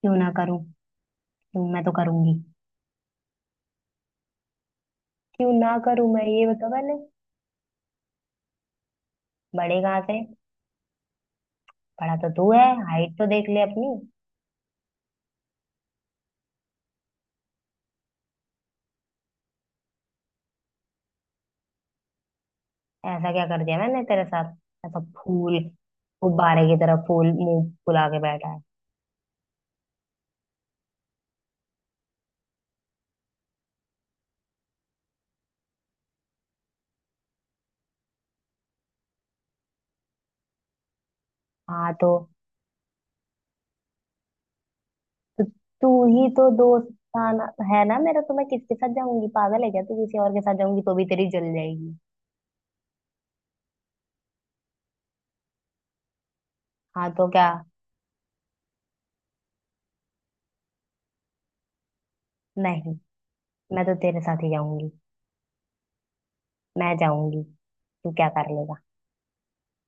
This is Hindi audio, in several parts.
क्यों ना करूं? क्यों, मैं तो करूंगी। क्यों ना करूं, मैं ये बता पहले। बड़े कहाँ से? बड़ा तो तू है, हाइट तो देख ले अपनी। ऐसा क्या कर दिया मैंने तेरे साथ? ऐसा फूल, गुब्बारे की तरह फूल, मुंह फुला के बैठा है। हाँ, तो तू ही तो दोस्त था ना? है ना मेरा? तो मैं किसके साथ जाऊंगी? पागल है क्या तू? किसी और के साथ जाऊंगी तो भी तेरी जल जाएगी। हाँ तो क्या? नहीं, मैं तो तेरे साथ ही जाऊंगी। मैं जाऊंगी। तू क्या कर लेगा?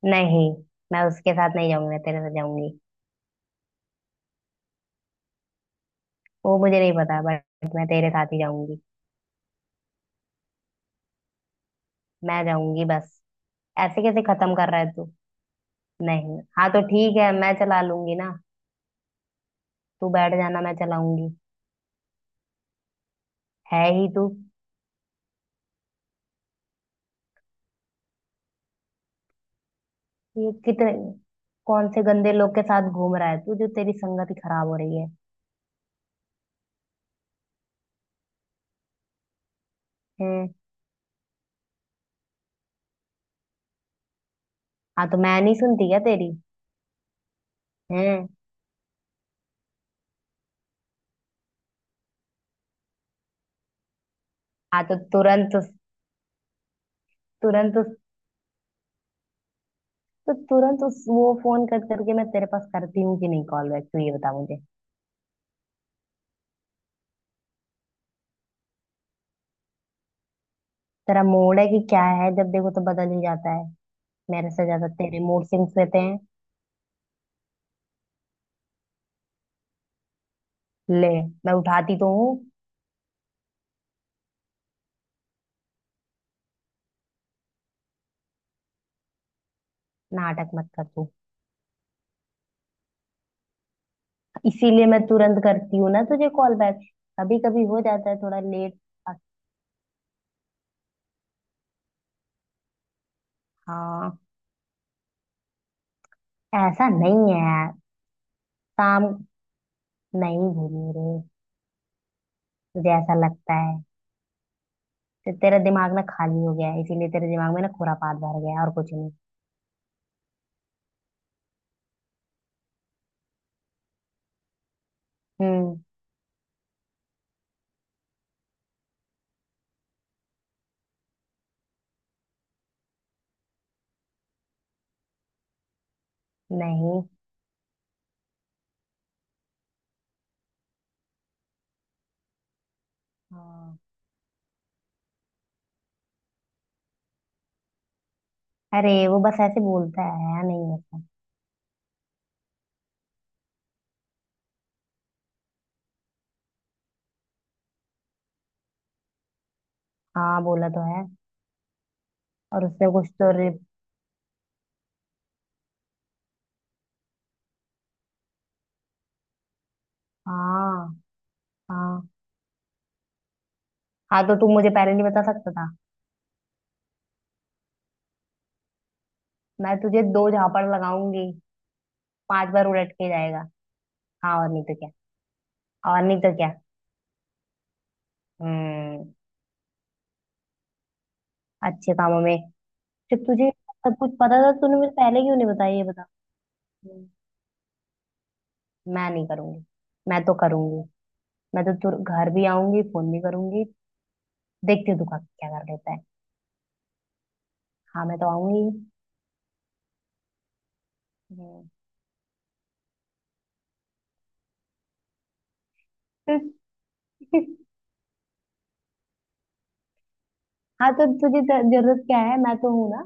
नहीं, मैं उसके साथ नहीं जाऊंगी, मैं तेरे साथ जाऊंगी। वो मुझे नहीं पता, बट मैं तेरे साथ ही जाऊंगी। मैं जाऊंगी बस। ऐसे कैसे खत्म कर रहा है तू? नहीं, हाँ तो ठीक है, मैं चला लूंगी ना। तू बैठ जाना, मैं चलाऊंगी। है ही तू। ये कितने? कौन से गंदे लोग के साथ घूम रहा है तू, जो तेरी संगत ही खराब हो रही है? हैं? हाँ तो मैं नहीं सुनती क्या तेरी? हैं? हाँ तो तुरंत उस- तो तुरंत उस वो फोन कट करके मैं तेरे पास करती हूँ कि नहीं कॉल बैक, तू ये बता मुझे। तेरा मूड है कि क्या है? जब देखो तो बदल ही जाता है। मेरे से ज्यादा तेरे मूड सिंग्स रहते हैं। ले। मैं उठाती तो हूँ। नाटक मत कर तू। इसीलिए मैं तुरंत करती हूँ ना तुझे कॉल बैक। कभी कभी हो जाता है थोड़ा लेट। हाँ। ऐसा नहीं है यार। काम। नहीं भूली रे। मुझे ऐसा लगता है। तो तेरा दिमाग ना खाली हो गया है, इसीलिए तेरे दिमाग में ना खुरापात भर गया है, और कुछ नहीं। हम्म। नहीं। हाँ। अरे, वो बस ऐसे बोलता है, नहीं ऐसा। हाँ, बोला तो है। और उसने कुछ तो रे-। हाँ। हाँ। हाँ तो तू मुझे पहले नहीं बता सकता था? मैं तुझे दो झापड़ लगाऊंगी। पांच बार उलट के जाएगा। हाँ, और नहीं तो क्या। और नहीं तो क्या। हम्म। अच्छे कामों में। जब तुझे सब कुछ पता था तूने मुझे पहले क्यों नहीं बताया, ये बता। हम्म। मैं नहीं करूंगी। मैं तो करूंगी। मैं तो तुर घर भी आऊंगी, फोन भी करूंगी। देखती हूँ तू क्या कर लेता है। हाँ, मैं तो आऊंगी। हम्म। हाँ तो तुझे जरूरत क्या है? मैं तो हूँ ना।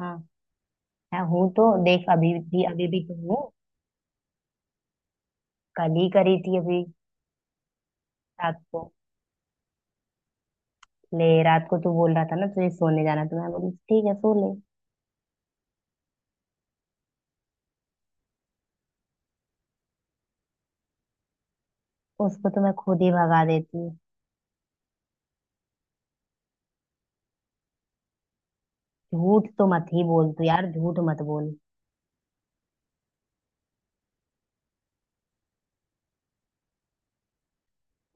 हाँ। मैं हूँ, तो देख, अभी भी तो हूँ। कल ही करी थी अभी। रात को। ले, रात को तू बोल रहा था ना तुझे सोने जाना, तो मैं बोली ठीक है, सो ले। उसको तो मैं खुद ही भगा देती हूँ। झूठ तो मत ही बोल तू यार, झूठ मत बोल।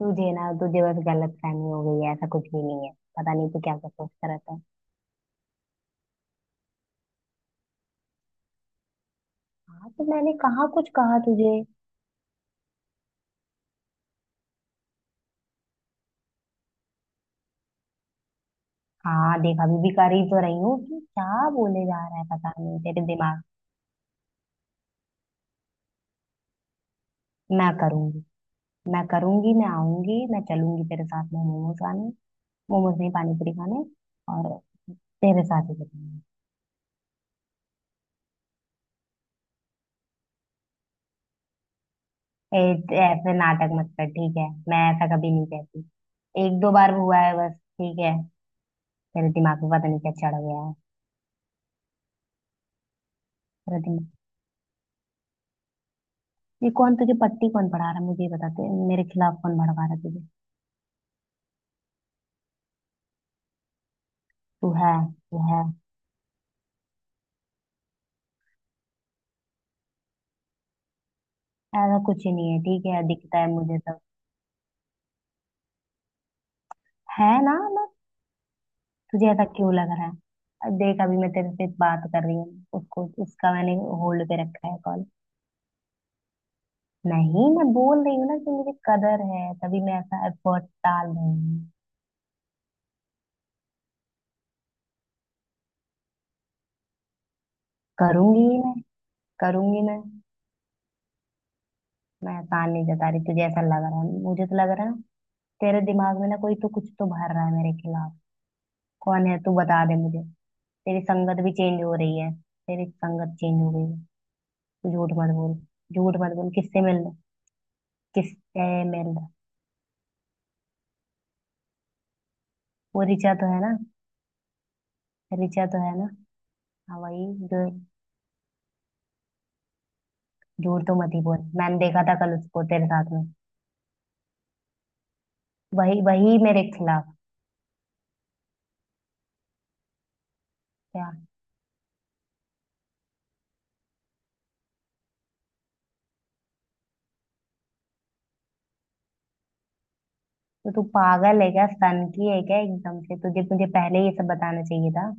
तुझे ना तुझे बस गलत फहमी हो गई है, ऐसा कुछ भी नहीं है। पता नहीं तू क्या क्या सोचता रहता है। हाँ तो मैंने कहाँ कुछ कहा तुझे? हाँ देख, अभी भी कर ही तो रही हूँ, कि क्या बोले जा रहा है पता नहीं तेरे दिमाग। मैं करूंगी, मैं करूंगी, मैं आऊंगी, मैं चलूंगी तेरे साथ में मोमोज खाने। मोमोज नहीं, पानी पूरी खाने। और तेरे साथ ही करूंगी। ऐसे नाटक मत कर, ठीक है? मैं ऐसा कभी नहीं कहती। एक दो बार हुआ है बस, ठीक है। तेरे दिमाग में पता नहीं क्या चढ़ गया है। तेरे दिमाग। ये कौन तुझे पट्टी, कौन पढ़ा रहा है मुझे, ये बता। तू मेरे खिलाफ कौन भड़का रहा है तुझे? तू है, तू है। ऐसा कुछ ही नहीं है, ठीक है? दिखता है मुझे सब। है ना, ना। तुझे ऐसा क्यों लग रहा है? अब देख, अभी मैं तेरे से बात कर रही हूँ, उसको उसका मैंने होल्ड पे रखा है कॉल। नहीं, मैं बोल रही हूँ ना कि मुझे कदर है, तभी मैं ऐसा एफर्ट डाल रही हूँ। करूंगी ही मैं, करूंगी मैं। मैं आसान नहीं जता रही, तुझे ऐसा लग रहा है, मुझे तो लग रहा है ना। तेरे दिमाग में ना कोई तो कुछ तो भर रहा है मेरे खिलाफ। कौन है, तू बता दे मुझे। तेरी संगत भी चेंज हो रही है, तेरी संगत चेंज हो गई है। तू झूठ मत बोल। झूठ मत बोल, किससे मिल रहा? किससे मिल रहा? वो ऋचा तो है ना। ऋचा तो है ना। हाँ, वही। जो। झूठ तो मत ही बोल, मैंने देखा था कल उसको तेरे साथ में। वही, वही मेरे खिलाफ। क्या? तो तू पागल है क्या? सन की है क्या? एकदम से तुझे मुझे पहले ये सब बताना चाहिए था।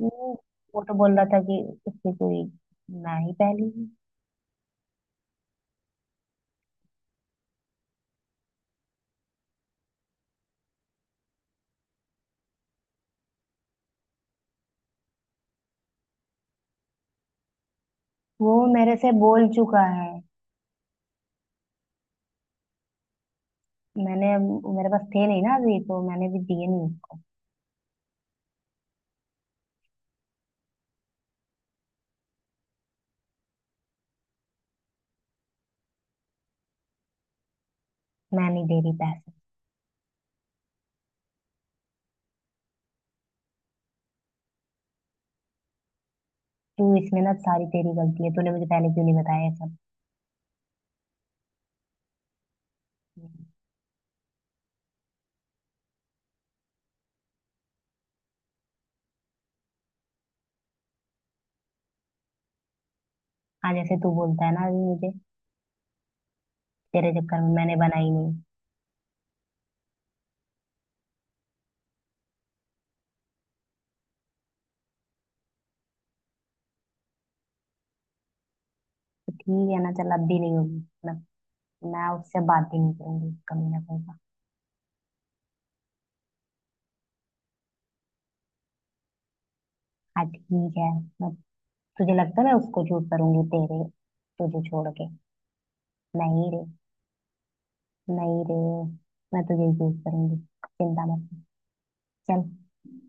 वो वो तो बोल रहा था कि उसकी कोई ना ही पहली है। वो मेरे से बोल चुका है। मैंने। मेरे पास थे नहीं ना अभी, तो मैंने भी दिए नहीं उसको। मैं नहीं दे रही पैसे। तू इसमें ना, सारी तेरी गलती है, तूने मुझे पहले क्यों नहीं बताया ये सब? हाँ, जैसे तू बोलता है ना अभी मुझे। तेरे चक्कर में मैंने बनाई नहीं। तो ठीक है ना, चल अब भी नहीं होगी, मैं। मैं उससे बात ही नहीं करूंगी, कभी ना कभी। हाँ, ठीक है। मैं। तुझे लगता है मैं उसको चूज करूंगी तेरे? तुझे छोड़ के? नहीं रे, नहीं रे। मैं तुझे ही चूज करूंगी। चिंता मत कर। चल।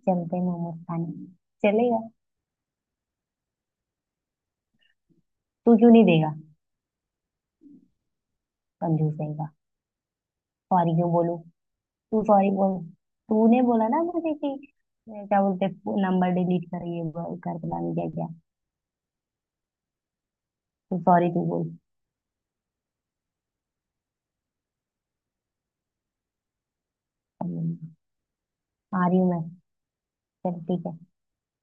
चलते हैं मोमोज खाने। चलेगा? तू क्यों नहीं देगा? कंजूस रहेगा। सॉरी क्यों बोलूं? तू सॉरी बोल। तूने बोला ना मुझे कि क्या बोलते, नंबर डिलीट कर, ये वो कर, पता नहीं क्या क्या। तू सॉरी तू बोल। अब नहीं। आ रही हूँ मैं। चल, ठीक है।